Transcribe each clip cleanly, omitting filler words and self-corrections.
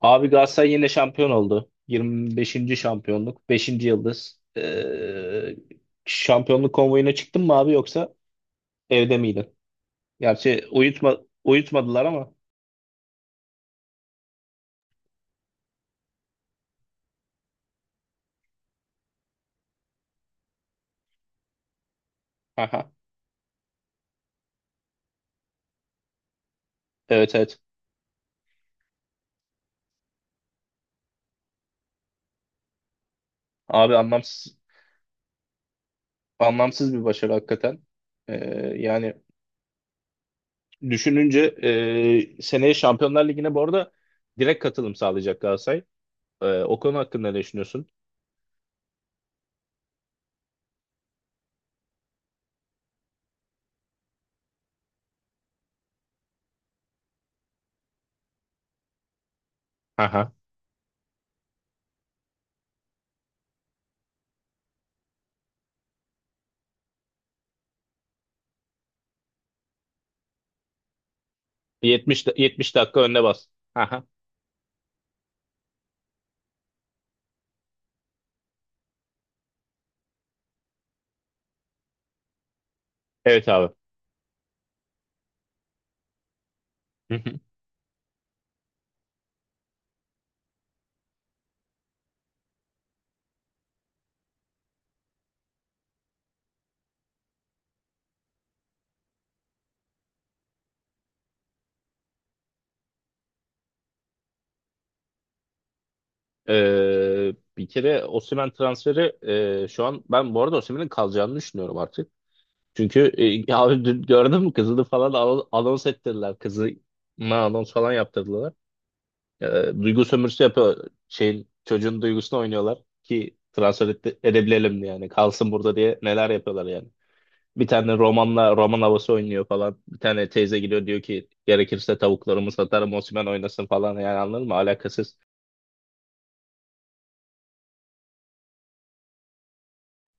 Abi Galatasaray yine şampiyon oldu. 25. şampiyonluk. 5. yıldız. Şampiyonluk konvoyuna çıktın mı abi yoksa evde miydin? Gerçi uyutma, uyutmadılar ama. Aha. Evet, evet. Abi anlamsız bir başarı hakikaten. Ee, yani düşününce seneye Şampiyonlar Ligi'ne bu arada direkt katılım sağlayacak Galatasaray. O konu hakkında ne düşünüyorsun? Aha. 70 dakika önüne bas. Aha. Evet abi. Bir kere Osimhen transferi şu an ben bu arada Osimhen'in kalacağını düşünüyorum artık. Çünkü ya abi dün gördün mü kızını falan anons ettirdiler. Kızına anons falan yaptırdılar. Ee, duygu sömürüsü yapıyor. Şeyin, çocuğun duygusunu oynuyorlar ki transfer edebilelim diye yani. Kalsın burada diye neler yapıyorlar yani. Bir tane romanla roman havası oynuyor falan. Bir tane teyze gidiyor diyor ki gerekirse tavuklarımı satarım Osimhen oynasın falan yani anladın mı? Alakasız.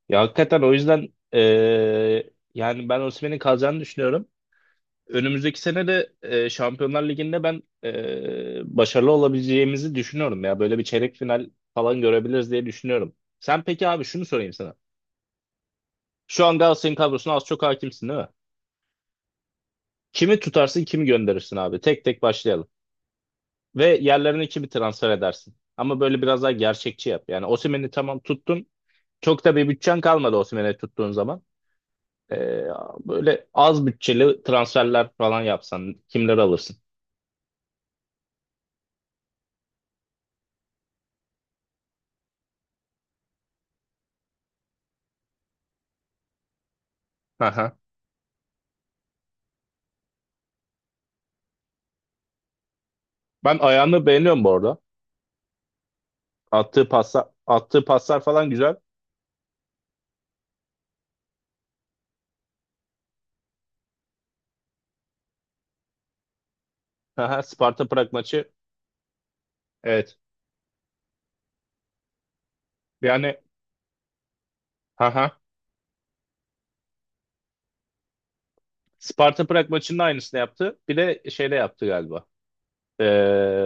Ya hakikaten o yüzden yani ben Osimhen'in kalacağını düşünüyorum. Önümüzdeki sene de Şampiyonlar Ligi'nde ben başarılı olabileceğimizi düşünüyorum ya. Böyle bir çeyrek final falan görebiliriz diye düşünüyorum. Sen peki abi şunu sorayım sana. Şu an Galatasaray'ın kadrosuna az çok hakimsin değil mi? Kimi tutarsın, kimi gönderirsin abi? Tek tek başlayalım. Ve yerlerine kimi transfer edersin? Ama böyle biraz daha gerçekçi yap. Yani Osimhen'i tamam tuttun. Çok da bir bütçen kalmadı Osimhen'i tuttuğun zaman. Ee, böyle az bütçeli transferler falan yapsan kimleri alırsın? Aha. Ben ayağını beğeniyorum bu arada. Attığı paslar, attığı paslar falan güzel. Aha, Sparta Prag maçı. Evet. Yani aha. Sparta Prag maçının aynısını yaptı. Bir de şeyde yaptı galiba. Ee,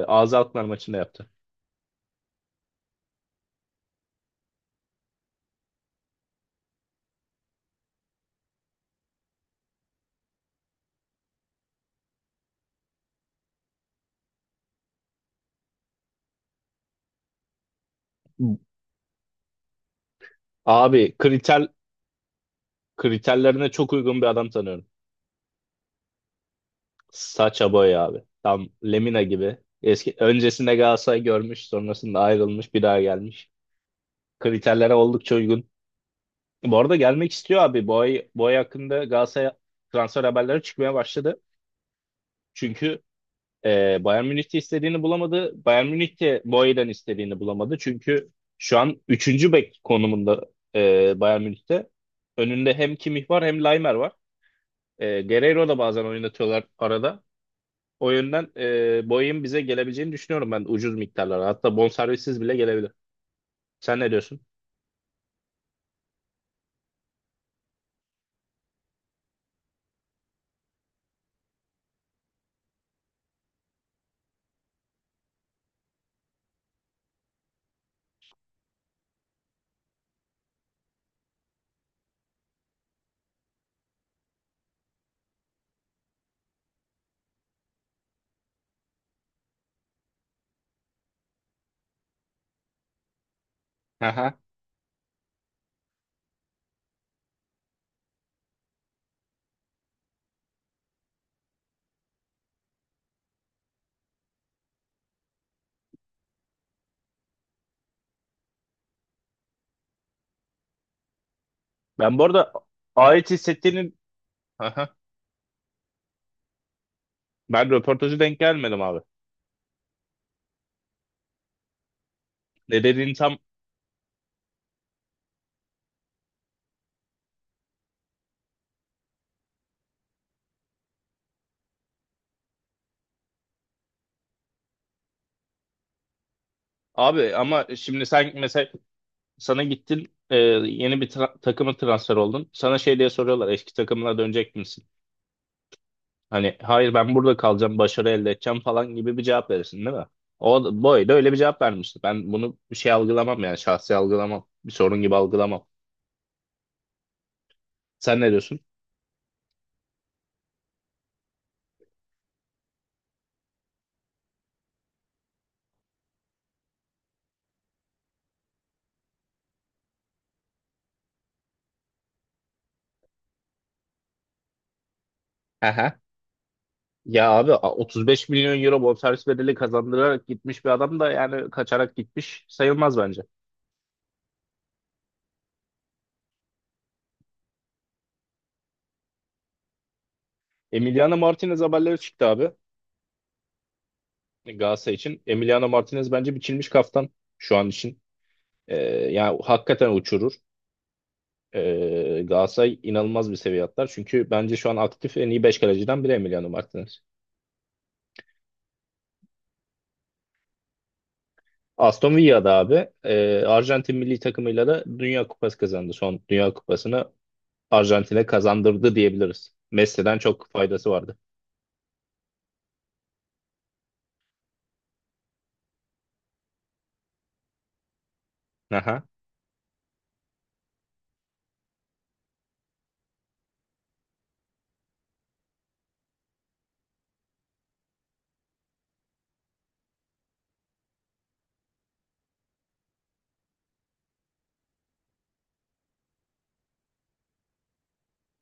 AZ Alkmaar maçında yaptı. Abi kriterlerine çok uygun bir adam tanıyorum. Saça boy abi. Tam Lemina gibi. Eski öncesinde Galatasaray görmüş, sonrasında ayrılmış, bir daha gelmiş. Kriterlere oldukça uygun. Bu arada gelmek istiyor abi. Bu ay hakkında Galatasaray transfer haberleri çıkmaya başladı. Çünkü Bayern Münih de istediğini bulamadı. Bayern Münih de Boey'den istediğini bulamadı. Çünkü şu an üçüncü bek konumunda Bayern Münih'te. Önünde hem Kimmich var hem Laimer var. Guerreiro da bazen oynatıyorlar arada. O yönden Boey'in bize gelebileceğini düşünüyorum ben ucuz miktarlara. Hatta bonservissiz bile gelebilir. Sen ne diyorsun? Aha. Ben bu arada ait hissettiğini ben röportajı denk gelmedim abi. Ne dediğini tam abi ama şimdi sen mesela sana gittin yeni bir takıma transfer oldun. Sana şey diye soruyorlar eski takımına dönecek misin? Hani hayır ben burada kalacağım başarı elde edeceğim falan gibi bir cevap verirsin değil mi? O boy da öyle bir cevap vermişti. Ben bunu bir şey algılamam yani şahsi algılamam. Bir sorun gibi algılamam. Sen ne diyorsun? Aha. Ya abi 35 milyon euro bonservis bedeli kazandırarak gitmiş bir adam da yani kaçarak gitmiş sayılmaz bence. Emiliano Martinez haberleri çıktı abi Galatasaray için. Emiliano Martinez bence biçilmiş kaftan şu an için. Ee, yani hakikaten uçurur. Galatasaray inanılmaz bir seviye atlar. Çünkü bence şu an aktif en iyi 5 kaleciden biri Emiliano Martinez. Aston Villa'da abi Arjantin milli takımıyla da Dünya Kupası kazandı. Son Dünya Kupası'nı Arjantin'e kazandırdı diyebiliriz. Messi'den çok faydası vardı. Aha.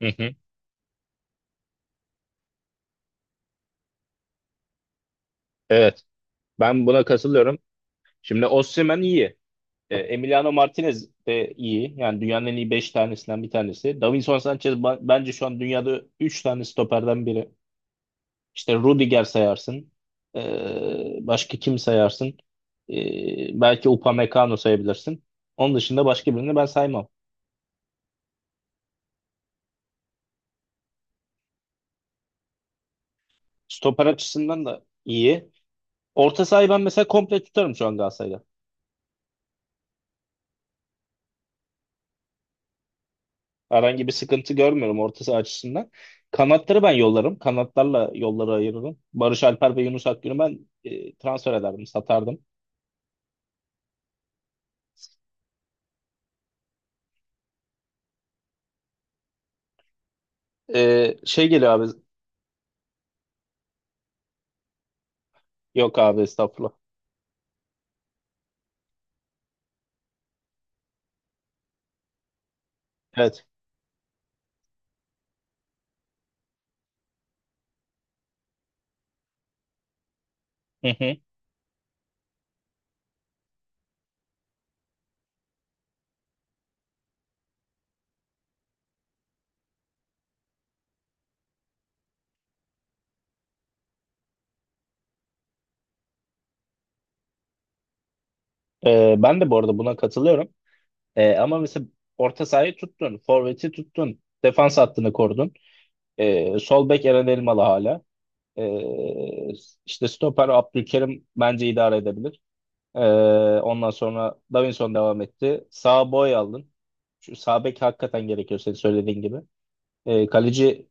Hı hı. Evet. Ben buna katılıyorum. Şimdi Osimhen iyi. Emiliano Martinez de iyi. Yani dünyanın en iyi 5 tanesinden bir tanesi. Davinson Sanchez bence şu an dünyada 3 tane stoperden biri. İşte Rudiger sayarsın. Başka kim sayarsın? Belki Upamecano sayabilirsin. Onun dışında başka birini ben saymam. Stoper açısından da iyi. Orta sahayı ben mesela komple tutarım şu an Galatasaray'da. Herhangi bir sıkıntı görmüyorum orta saha açısından. Kanatları ben yollarım. Kanatlarla yolları ayırırım. Barış Alper ve Yunus Akgün'ü ben transfer ederdim, satardım. Şey geliyor abi. Yok abi estağfurullah. Evet. Hı hı. Ben de bu arada buna katılıyorum. Ama mesela orta sahayı tuttun, forveti tuttun, defans hattını korudun. Sol bek Eren Elmalı hala. E, işte stoper Abdülkerim bence idare edebilir. E, ondan sonra Davinson devam etti. Sağ boy aldın. Şu sağ bek hakikaten gerekiyor senin söylediğin gibi. Kaleci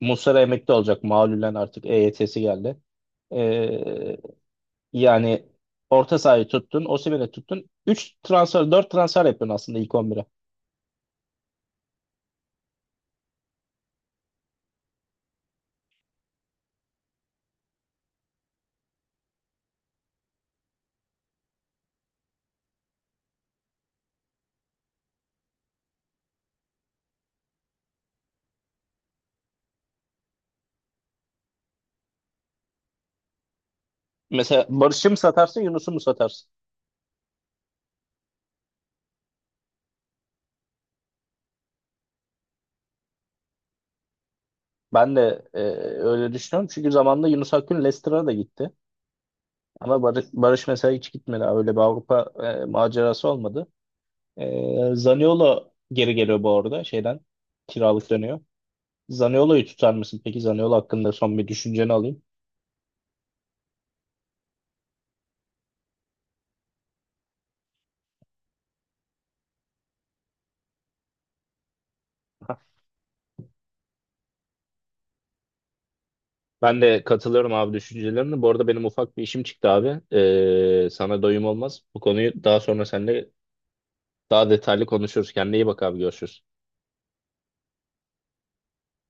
Muslera emekli olacak. Malulen artık EYT'si geldi. E, yani orta sahayı tuttun, Osimhen'i tuttun. Üç transfer, 4 transfer yapıyorsun aslında ilk 11'e. Mesela Barış'ı mı satarsın, Yunus'u mu satarsın? Ben de öyle düşünüyorum. Çünkü zamanında Yunus Akgün Leicester'a da gitti. Ama Barış, Barış mesela hiç gitmedi. Öyle bir Avrupa macerası olmadı. Zaniolo geri geliyor bu arada şeyden. Kiralık dönüyor. Zaniolo'yu tutar mısın? Peki Zaniolo hakkında son bir düşünceni alayım. Ben de katılıyorum abi düşüncelerine. Bu arada benim ufak bir işim çıktı abi. Sana doyum olmaz. Bu konuyu daha sonra seninle daha detaylı konuşuruz. Kendine iyi bak abi görüşürüz.